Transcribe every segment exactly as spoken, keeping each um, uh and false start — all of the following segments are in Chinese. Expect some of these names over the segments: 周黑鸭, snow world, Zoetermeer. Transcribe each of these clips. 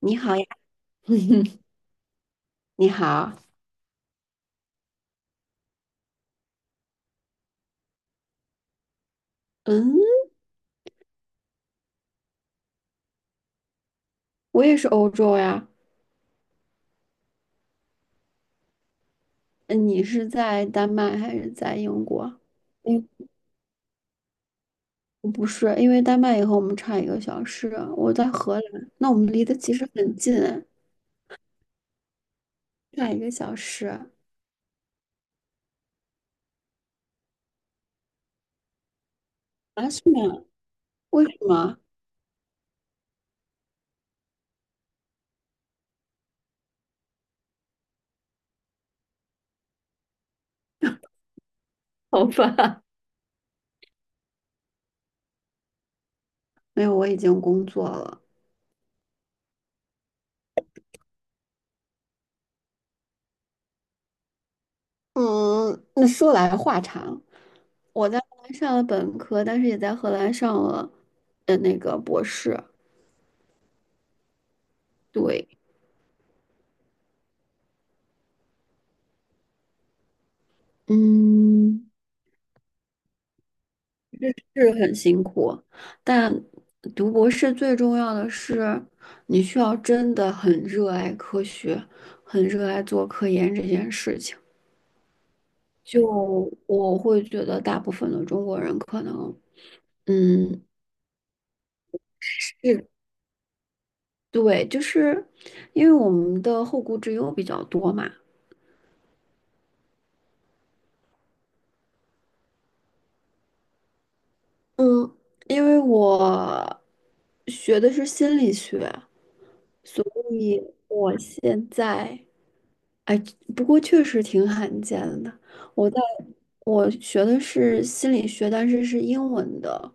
你好呀，你好，嗯，我也是欧洲呀。嗯，你是在丹麦还是在英国？哎，不是，因为丹麦也和我们差一个小时，我在荷兰，那我们离得其实很近，差一个小时。啊？是吗？为什么？好吧，没有，我已经工作了。嗯，那说来话长，我在荷兰上了本科，但是也在荷兰上了的那个博士。对。嗯。是很辛苦，但读博士最重要的是，你需要真的很热爱科学，很热爱做科研这件事情。就我会觉得，大部分的中国人可能，嗯，是，对，就是因为我们的后顾之忧比较多嘛。嗯，因为我学的是心理学，所以我现在。不过确实挺罕见的。我在我学的是心理学，但是是英文的，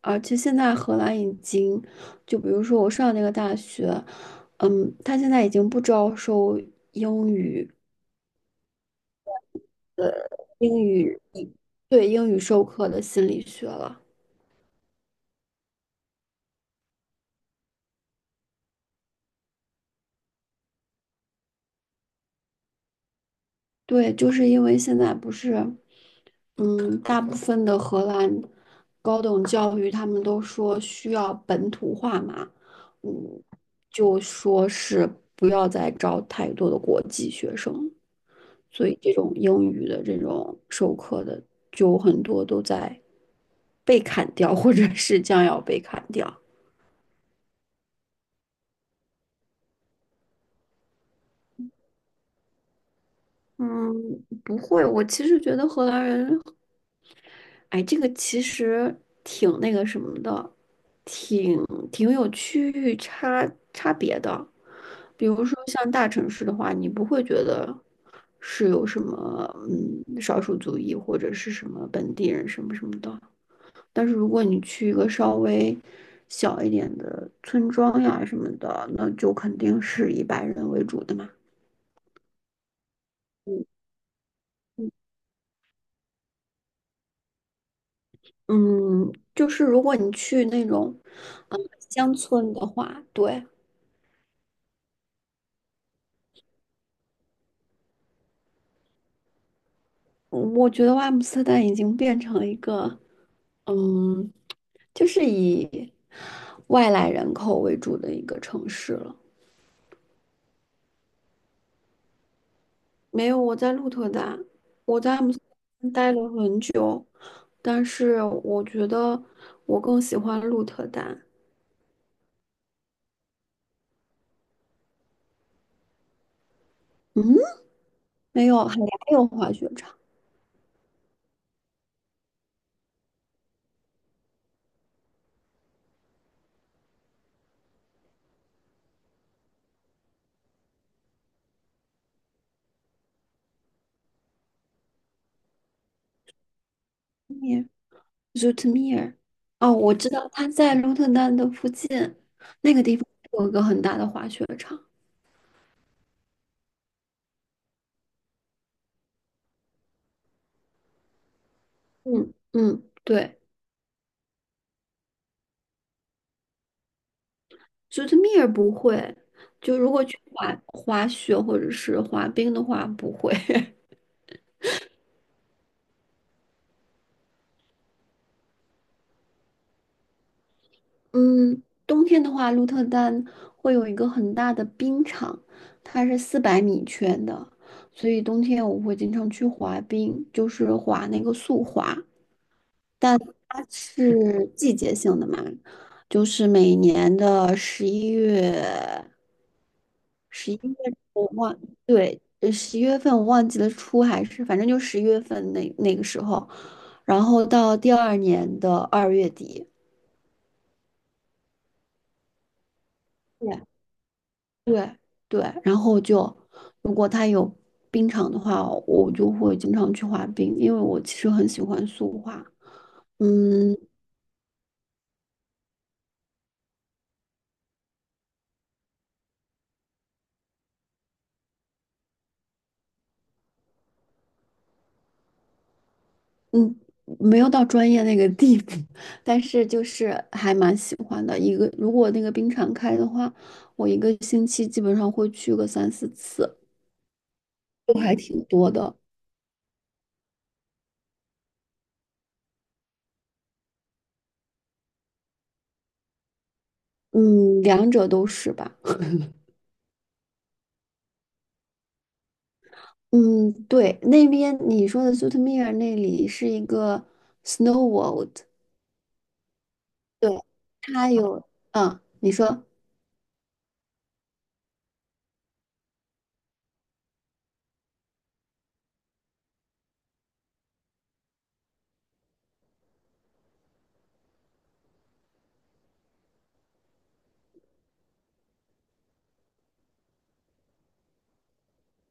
而且现在荷兰已经，就比如说我上那个大学，嗯，他现在已经不招收英语的英语，对，英语授课的心理学了。对，就是因为现在不是，嗯，大部分的荷兰高等教育他们都说需要本土化嘛，嗯，就说是不要再招太多的国际学生，所以这种英语的这种授课的就很多都在被砍掉，或者是将要被砍掉。嗯，不会，我其实觉得荷兰人哎，这个其实挺那个什么的，挺挺有区域差差别的。比如说像大城市的话，你不会觉得是有什么嗯少数族裔或者是什么本地人什么什么的。但是如果你去一个稍微小一点的村庄呀什么的，那就肯定是以白人为主的嘛。嗯嗯，就是如果你去那种嗯乡村的话，对。我觉得阿姆斯特丹已经变成了一个，嗯，就是以外来人口为主的一个城市了。没有，我在鹿特丹，我在阿姆斯特丹待了很久，但是我觉得我更喜欢鹿特丹。嗯，没有，还牙有滑雪场，Zoetermeer。哦，我知道，它在鹿特丹的附近，那个地方有一个很大的滑雪场。嗯嗯，对。九特米儿不会，就如果去滑滑雪或者是滑冰的话，不会。嗯，冬天的话，鹿特丹会有一个很大的冰场，它是四百米圈的，所以冬天我会经常去滑冰，就是滑那个速滑。但它是季节性的嘛，就是每年的十一月，十一月我忘，对，呃十一月份我忘记了初，还是反正就十一月份那那个时候，然后到第二年的二月底，对对对，然后就如果它有冰场的话，我就会经常去滑冰，因为我其实很喜欢速滑，嗯。嗯，没有到专业那个地步，但是就是还蛮喜欢的。一个如果那个冰场开的话，我一个星期基本上会去个三四次，都还挺多的。嗯，两者都是吧。嗯，对，那边你说的 s u 苏特米尔那里是一个 snow world，对，它有，嗯，你说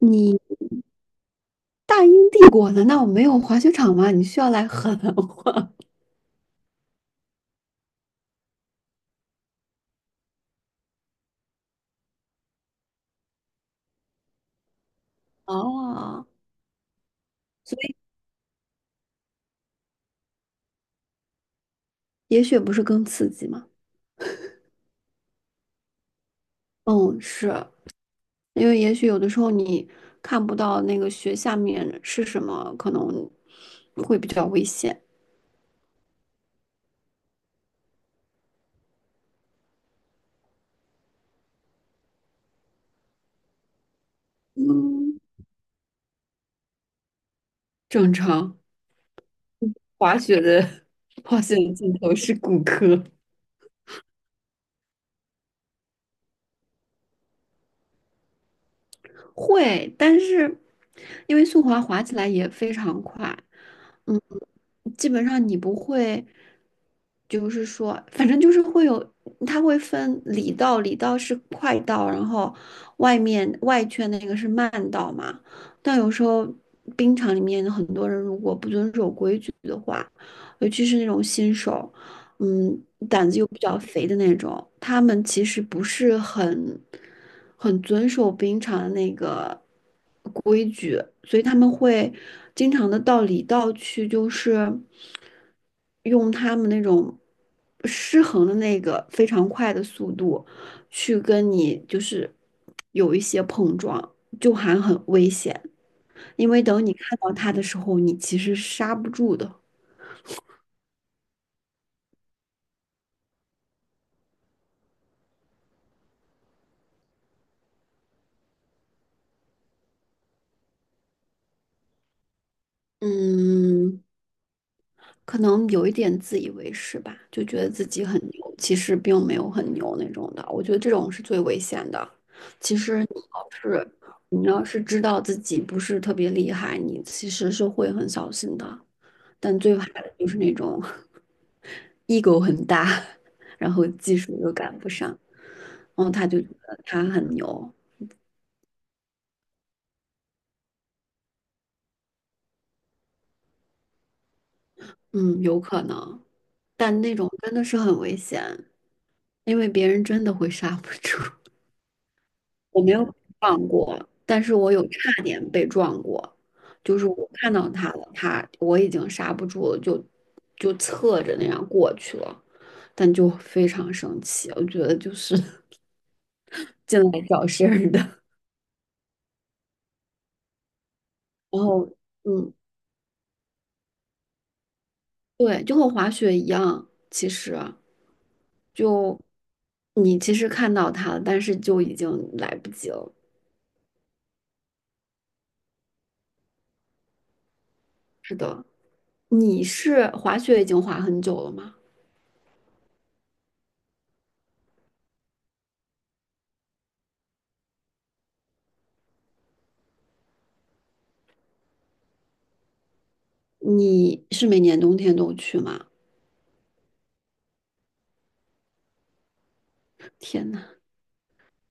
你大英帝国难道没有滑雪场吗？你需要来 荷兰滑？哦，也许不是更刺激吗？嗯，是，因为也许有的时候你看不到那个雪下面是什么，可能会比较危险。嗯，正常。滑雪的 滑雪的尽头是骨科。会，但是因为速滑滑起来也非常快，基本上你不会，就是说，反正就是会有，它会分里道，里道是快道，然后外面外圈的那个是慢道嘛。但有时候冰场里面很多人如果不遵守规矩的话，尤其是那种新手，嗯，胆子又比较肥的那种，他们其实不是很很遵守冰场的那个规矩，所以他们会经常的到里道去，就是用他们那种失衡的那个非常快的速度去跟你就是有一些碰撞，就还很危险，因为等你看到他的时候，你其实刹不住的。嗯，可能有一点自以为是吧，就觉得自己很牛，其实并没有很牛那种的。我觉得这种是最危险的。其实你要是你要是知道自己不是特别厉害，你其实是会很小心的。但最怕的就是那种 ego 很大，然后技术又赶不上，然后他就觉得他很牛。嗯，有可能，但那种真的是很危险，因为别人真的会 刹不住。我没有被撞过，但是我有差点被撞过，就是我看到他了，他我已经刹不住了，就就侧着那样过去了，但就非常生气，我觉得就是 进来找事儿的。然后，嗯，对，就和滑雪一样，其实就你其实看到他了，但是就已经来不及了。是的，你是滑雪已经滑很久了吗？你是每年冬天都去吗？天呐！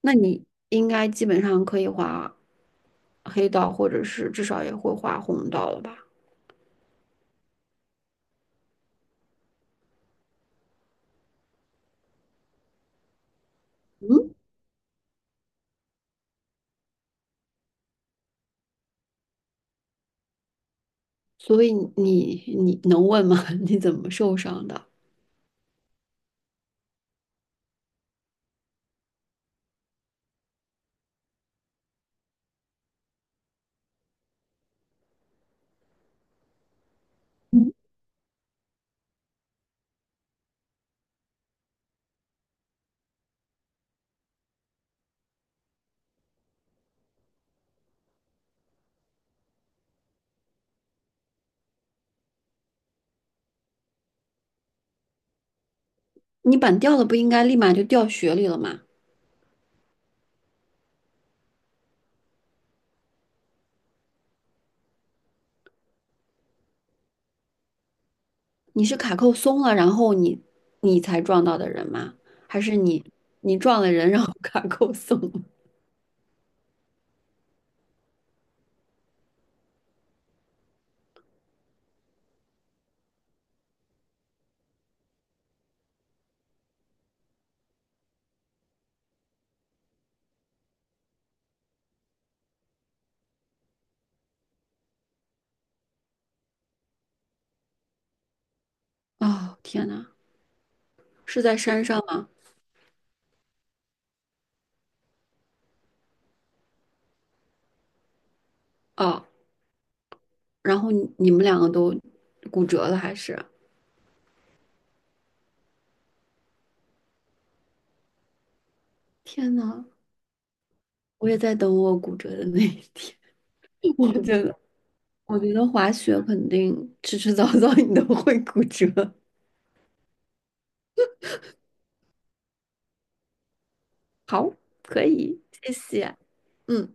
那你应该基本上可以画黑道，或者是至少也会画红道了吧？所以你你能问吗？你怎么受伤的？你板掉了不应该立马就掉雪里了吗？你是卡扣松了，然后你你才撞到的人吗？还是你你撞了人，然后卡扣松了？哦，天呐，是在山上吗？哦，然后你你们两个都骨折了，还是？天呐，我也在等我骨折的那一天。我真的，我觉得滑雪肯定迟迟 早早你都会骨折。好，可以，谢谢。嗯。